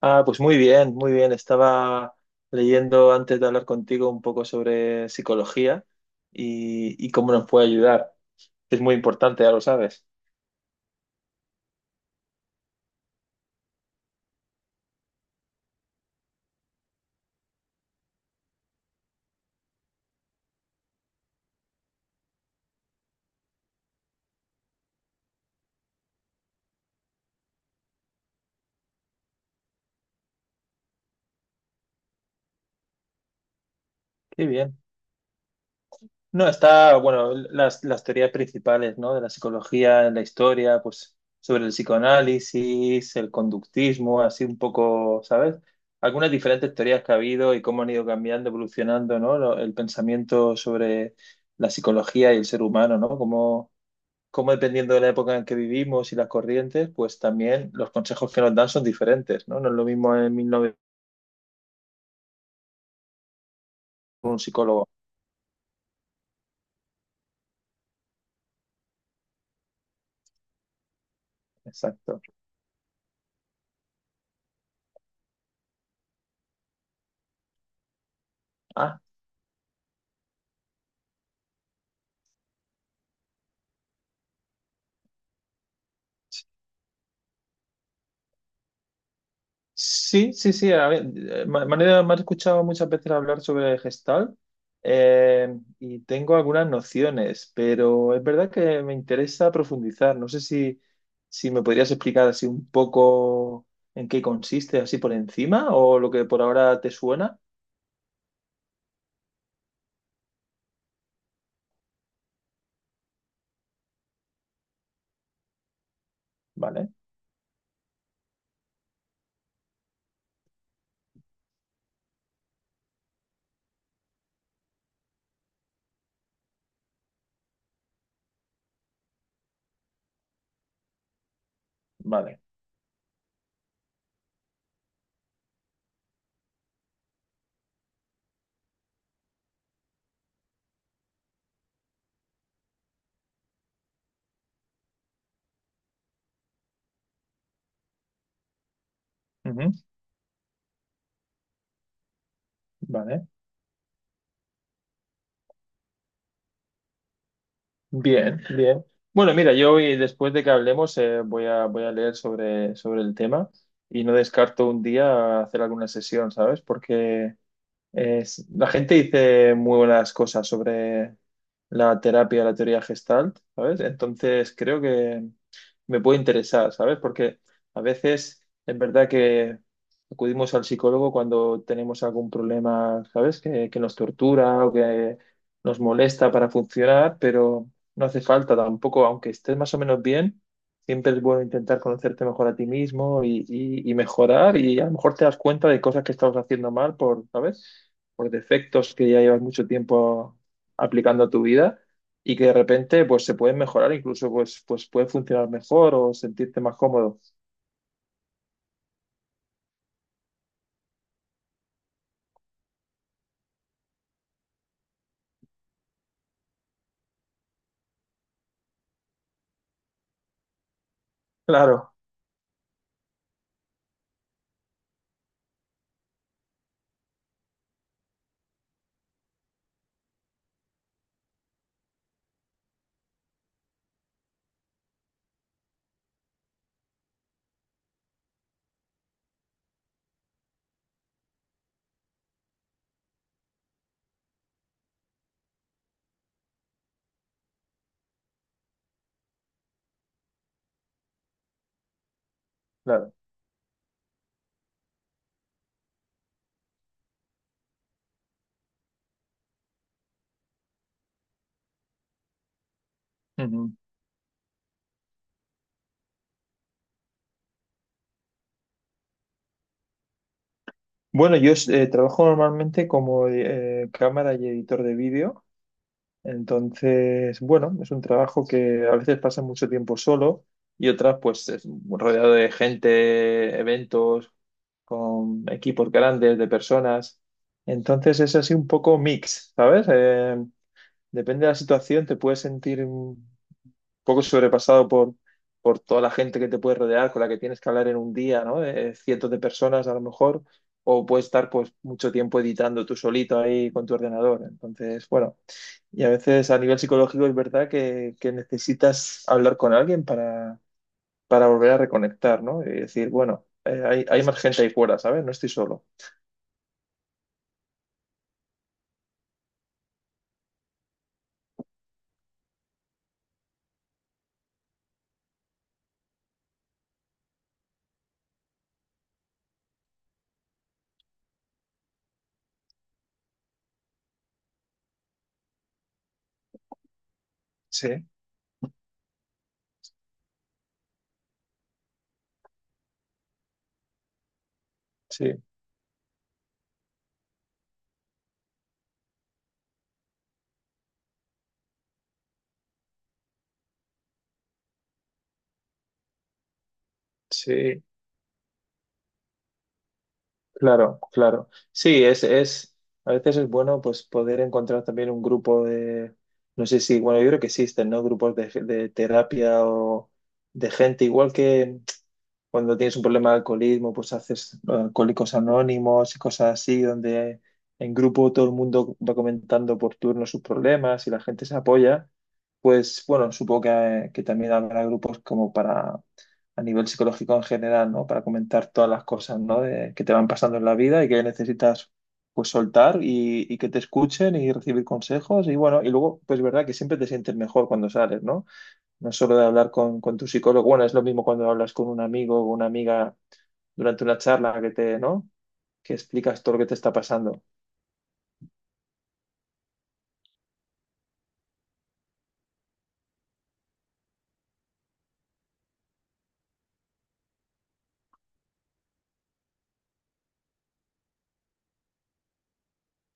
Ah, pues muy bien, muy bien. Estaba leyendo antes de hablar contigo un poco sobre psicología y cómo nos puede ayudar. Es muy importante, ya lo sabes. Qué bien. No, está, bueno, las teorías principales, ¿no? De la psicología en la historia, pues sobre el psicoanálisis, el conductismo, así un poco, ¿sabes? Algunas diferentes teorías que ha habido y cómo han ido cambiando, evolucionando, ¿no? El pensamiento sobre la psicología y el ser humano, ¿no? Cómo dependiendo de la época en que vivimos y las corrientes, pues también los consejos que nos dan son diferentes, ¿no? No es lo mismo en 1900 un psicólogo. Exacto. Ah, sí, sí, sí. A ver, manera, me has escuchado muchas veces hablar sobre Gestalt y tengo algunas nociones, pero es verdad que me interesa profundizar. No sé si, si me podrías explicar así un poco en qué consiste, así por encima, o lo que por ahora te suena. Vale, vale. Ujú. Vale. Bien, bien. Bueno, mira, yo hoy, después de que hablemos, voy a, voy a leer sobre, sobre el tema y no descarto un día hacer alguna sesión, ¿sabes? Porque la gente dice muy buenas cosas sobre la terapia, la teoría Gestalt, ¿sabes? Entonces creo que me puede interesar, ¿sabes? Porque a veces es verdad que acudimos al psicólogo cuando tenemos algún problema, ¿sabes? Que nos tortura o que nos molesta para funcionar, pero no hace falta tampoco, aunque estés más o menos bien, siempre es bueno intentar conocerte mejor a ti mismo y mejorar y a lo mejor te das cuenta de cosas que estabas haciendo mal por, ¿sabes? Por defectos que ya llevas mucho tiempo aplicando a tu vida y que de repente pues se pueden mejorar, incluso pues, pues puede funcionar mejor o sentirte más cómodo. Claro, claro. Ujú. Bueno, yo trabajo normalmente como cámara y editor de vídeo, entonces, bueno, es un trabajo que a veces pasa mucho tiempo solo y otras pues es rodeado de gente, eventos, con equipos grandes, de personas. Entonces es así un poco mix, ¿sabes? Depende de la situación, te puedes sentir poco sobrepasado por toda la gente que te puede rodear, con la que tienes que hablar en un día, ¿no? Cientos de personas a lo mejor, o puedes estar pues mucho tiempo editando tú solito ahí con tu ordenador. Entonces, bueno, y a veces a nivel psicológico es verdad que necesitas hablar con alguien para volver a reconectar, ¿no? Y decir, bueno, hay, hay más gente ahí fuera, ¿sabes? No estoy solo. Sí, sí, sí. Claro, claro. Sí, es, a veces es bueno pues poder encontrar también un grupo de, no sé si, bueno, yo creo que existen, ¿no? Grupos de terapia o de gente, igual que cuando tienes un problema de alcoholismo, pues haces alcohólicos anónimos y cosas así, donde en grupo todo el mundo va comentando por turno sus problemas y la gente se apoya. Pues bueno, supongo que también habrá grupos como para, a nivel psicológico en general, ¿no? Para comentar todas las cosas, ¿no? Que te van pasando en la vida y que necesitas pues soltar y que te escuchen y recibir consejos. Y bueno, y luego, pues es verdad que siempre te sientes mejor cuando sales, ¿no? No solo de hablar con tu psicólogo, bueno, es lo mismo cuando hablas con un amigo o una amiga durante una charla que te, ¿no? Que explicas todo lo que te está pasando.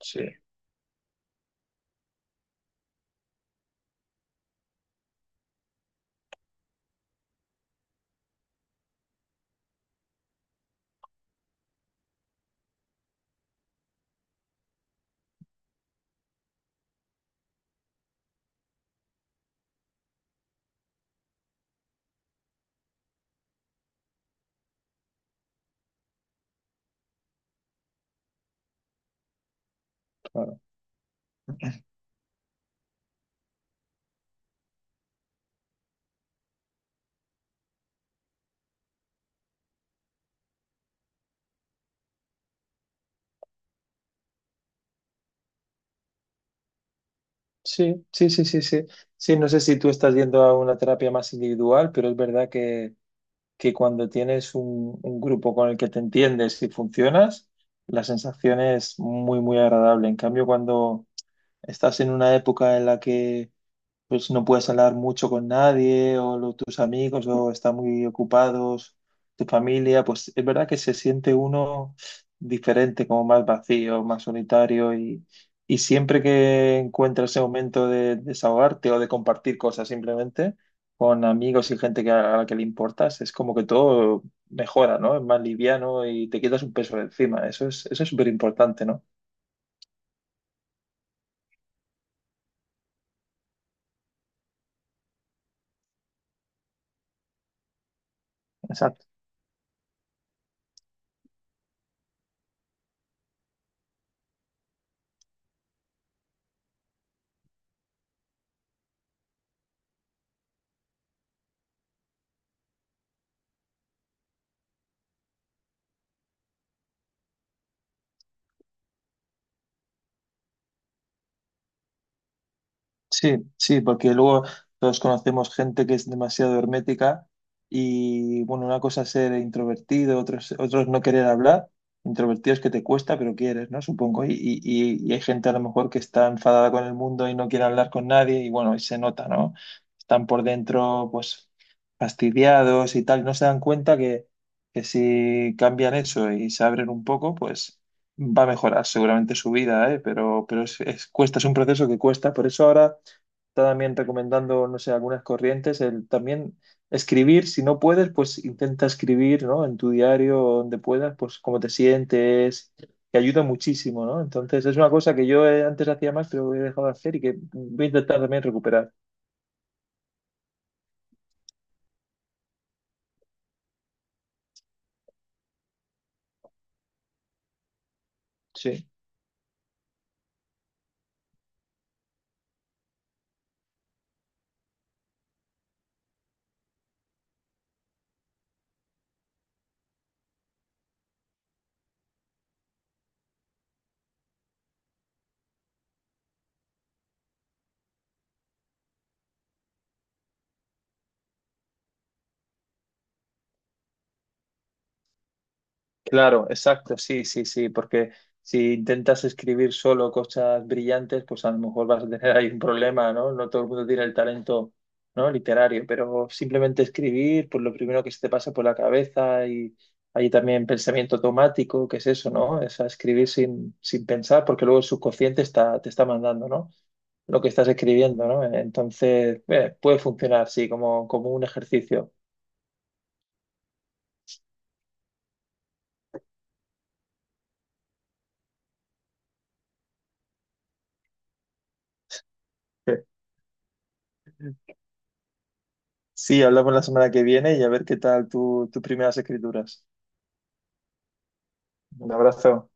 Sí. Claro. Sí, sí, sí, sí, sí. Sí, no sé si tú estás yendo a una terapia más individual, pero es verdad que cuando tienes un grupo con el que te entiendes y funcionas, la sensación es muy, muy agradable. En cambio, cuando estás en una época en la que pues no puedes hablar mucho con nadie o tus amigos o están muy ocupados, tu familia, pues es verdad que se siente uno diferente, como más vacío, más solitario y siempre que encuentras ese momento de desahogarte o de compartir cosas simplemente con amigos y gente que a la que le importas, es como que todo mejora, ¿no? Es más liviano y te quitas un peso de encima. Eso es súper importante, ¿no? Sí, sí, porque luego todos conocemos gente que es demasiado hermética y bueno, una cosa es ser introvertido, otros, otros no querer hablar. Introvertido es que te cuesta, pero quieres, ¿no? Supongo. Y hay gente a lo mejor que está enfadada con el mundo y no quiere hablar con nadie y bueno, y se nota, ¿no? Están por dentro, pues, fastidiados y tal. No se dan cuenta que si cambian eso y se abren un poco, pues va a mejorar seguramente su vida, ¿eh? Pero es, cuesta, es un proceso que cuesta. Por eso ahora está también recomendando, no sé, algunas corrientes, el también escribir, si no puedes, pues intenta escribir, ¿no? En tu diario, o donde puedas, pues cómo te sientes, que ayuda muchísimo, ¿no? Entonces, es una cosa que yo antes hacía más, pero he dejado de hacer y que voy a intentar también recuperar. Sí. Claro, exacto, sí, sí, sí, porque si intentas escribir solo cosas brillantes, pues a lo mejor vas a tener ahí un problema, ¿no? No todo el mundo tiene el talento, ¿no? Literario, pero simplemente escribir, pues lo primero que se te pasa por la cabeza y hay también pensamiento automático, que es eso, ¿no? Es a escribir sin, sin pensar, porque luego el subconsciente está, te está mandando, ¿no? Lo que estás escribiendo, ¿no? Entonces, puede funcionar, sí, como, como un ejercicio. Sí. Sí, hablamos la semana que viene y a ver qué tal tu, tus primeras escrituras. Un abrazo.